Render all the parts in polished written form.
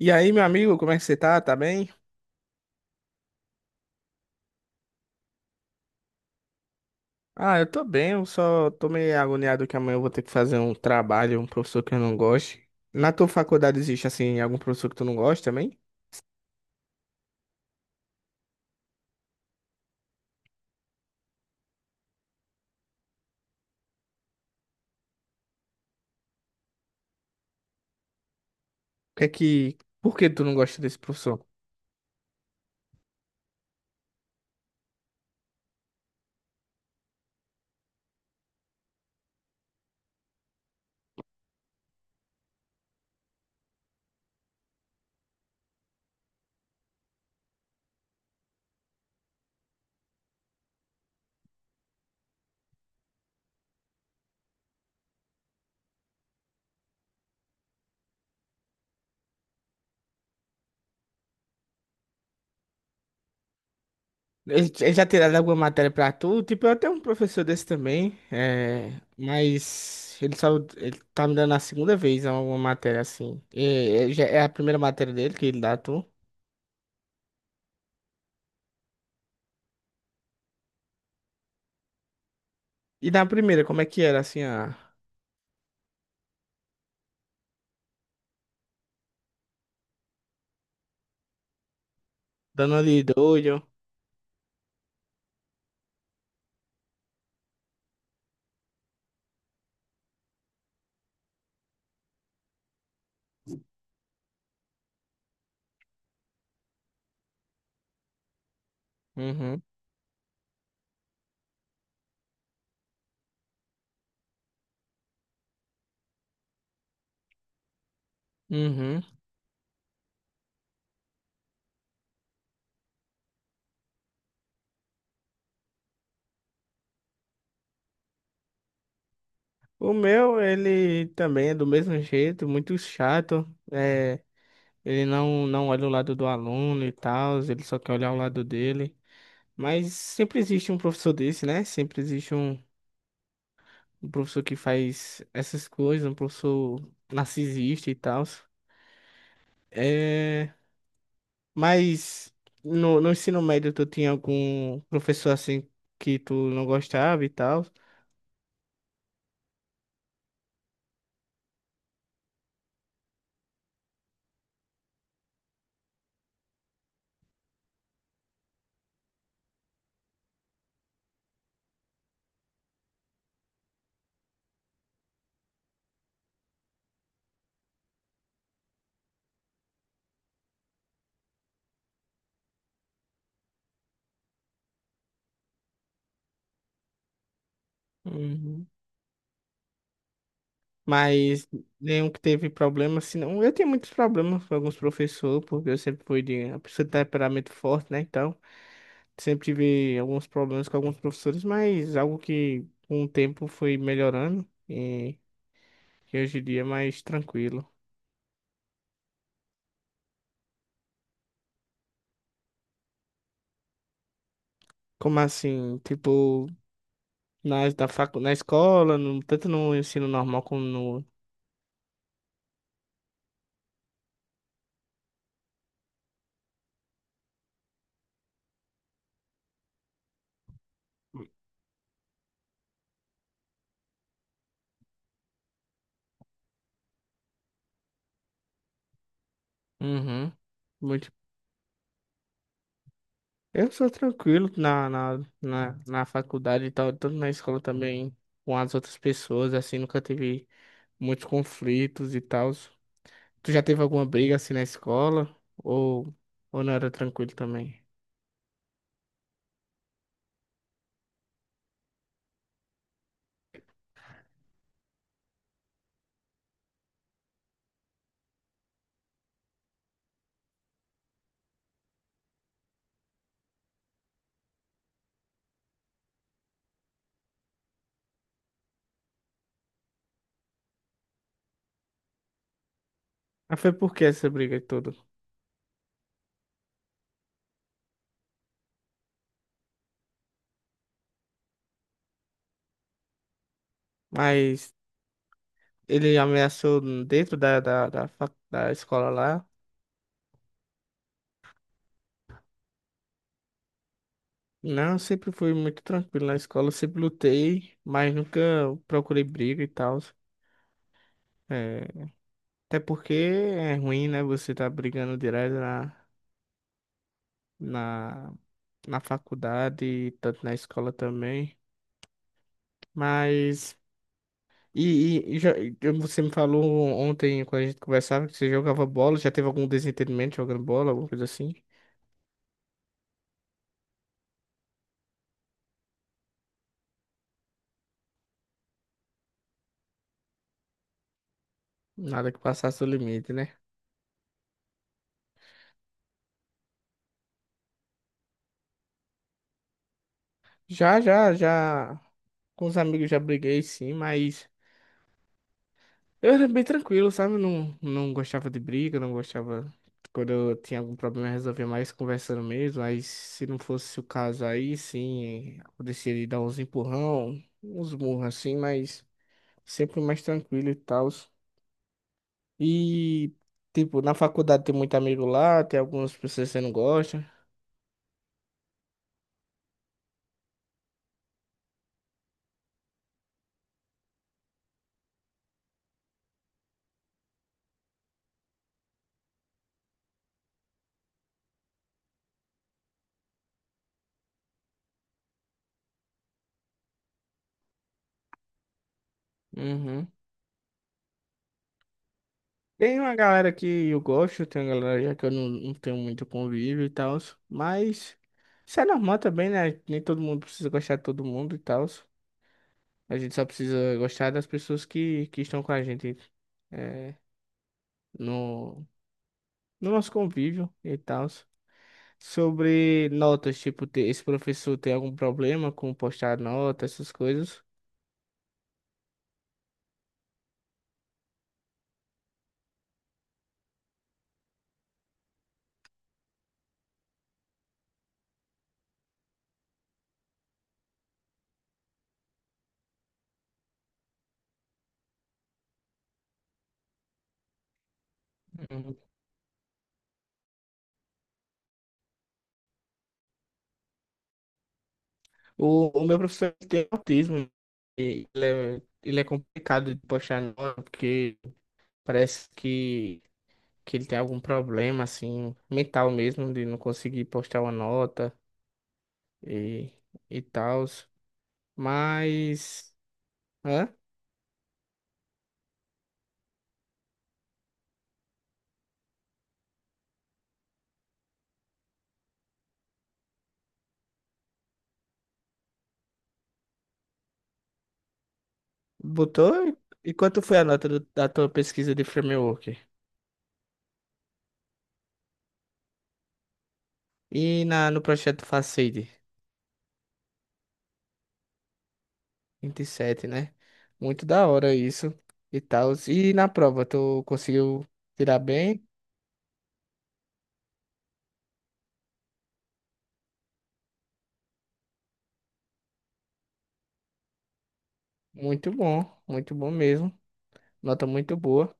E aí, meu amigo, como é que você tá? Tá bem? Ah, eu tô bem, eu só tô meio agoniado que amanhã eu vou ter que fazer um trabalho, um professor que eu não gosto. Na tua faculdade existe, assim, algum professor que tu não gosta também? O que é que... Por que tu não gosta desse professor? Ele já tiraram alguma matéria pra tu? Tipo, eu tenho um professor desse também. Mas ele só... Ele tá me dando a segunda vez alguma matéria, assim. É, já é a primeira matéria dele que ele dá a tu. E na primeira, como é que era, assim. Dando ali doido. Uhum. Uhum. O meu, ele também é do mesmo jeito, muito chato. É, ele não olha o lado do aluno e tal, ele só quer olhar o lado dele. Mas sempre existe um professor desse, né? Sempre existe um professor que faz essas coisas, um professor narcisista e tal. É, mas no ensino médio, tu tinha algum professor assim que tu não gostava e tal? Mas nenhum que teve problema, senão eu tenho muitos problemas com alguns professores, porque eu sempre fui de uma pessoa de temperamento forte, né? Então, sempre tive alguns problemas com alguns professores, mas algo que com o tempo foi melhorando e que hoje em dia é mais tranquilo. Como assim? Tipo, na escola, tanto no ensino normal como no. Uhum. Muito Eu sou tranquilo na faculdade e tal, tanto na escola também, com as outras pessoas, assim, nunca tive muitos conflitos e tal. Tu já teve alguma briga assim na escola? Ou não era tranquilo também? Mas foi por que essa briga toda? Mas ele ameaçou dentro da da escola lá? Não, eu sempre fui muito tranquilo na escola, eu sempre lutei, mas nunca procurei briga e tal. É, até porque é ruim, né? Você tá brigando direto. na, na faculdade, tanto na escola também. Mas. E, e você me falou ontem, quando a gente conversava, que você jogava bola, já teve algum desentendimento jogando bola, alguma coisa assim? Nada que passasse o limite, né? Já, já, já. Com os amigos já briguei, sim, mas. Eu era bem tranquilo, sabe? Não gostava de briga, não gostava. Quando eu tinha algum problema, eu resolvia mais conversando mesmo. Aí, se não fosse o caso, aí sim, acontecia de dar uns empurrão, uns murros assim, mas sempre mais tranquilo e tal. E, tipo, na faculdade tem muito amigo lá, tem algumas pessoas que você não gosta. Uhum. Tem uma galera que eu gosto, tem uma galera que eu não tenho muito convívio e tal, mas isso é normal também, né? Nem todo mundo precisa gostar de todo mundo e tal. A gente só precisa gostar das pessoas que estão com a gente é, no, no nosso convívio e tal. Sobre notas, tipo, esse professor tem algum problema com postar nota, essas coisas? Uhum. O meu professor tem autismo e ele é complicado de postar nota porque. Parece que ele tem algum problema, assim, mental mesmo, de não conseguir postar uma nota e, e tal. Mas. Hã? Botou? E quanto foi a nota da tua pesquisa de framework? E no projeto Facade? 27, né? Muito da hora isso e tal. E na prova, tu conseguiu tirar bem? Muito bom mesmo. Nota muito boa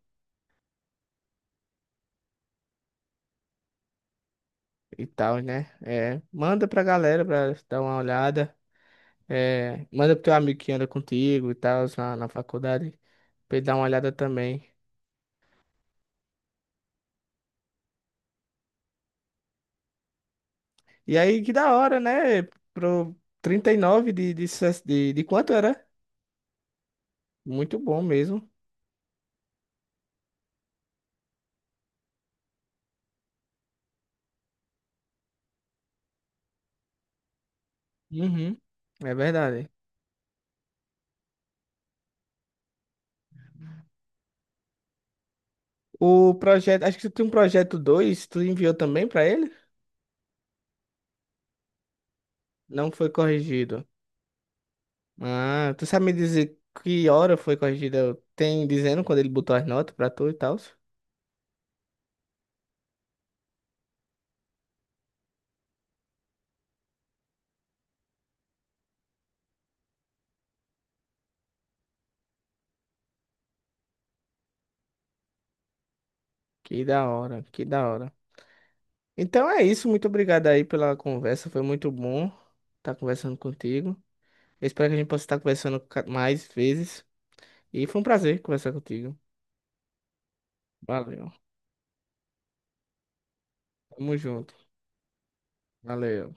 e tal, né? É, manda pra galera pra dar uma olhada. É, manda pro teu amigo que anda contigo e tal, na faculdade, pra ele dar uma olhada também. E aí, que da hora, né? Pro 39 de quanto era? Muito bom mesmo. Uhum. É verdade. O projeto, acho que tu tem um projeto 2 tu enviou também pra ele? Não foi corrigido. Ah, tu sabe me dizer que hora foi corrigida? Tem dizendo quando ele botou as notas pra tu e tal? Que da hora, que da hora. Então é isso, muito obrigado aí pela conversa, foi muito bom estar conversando contigo. Eu espero que a gente possa estar conversando mais vezes. E foi um prazer conversar contigo. Valeu. Tamo junto. Valeu.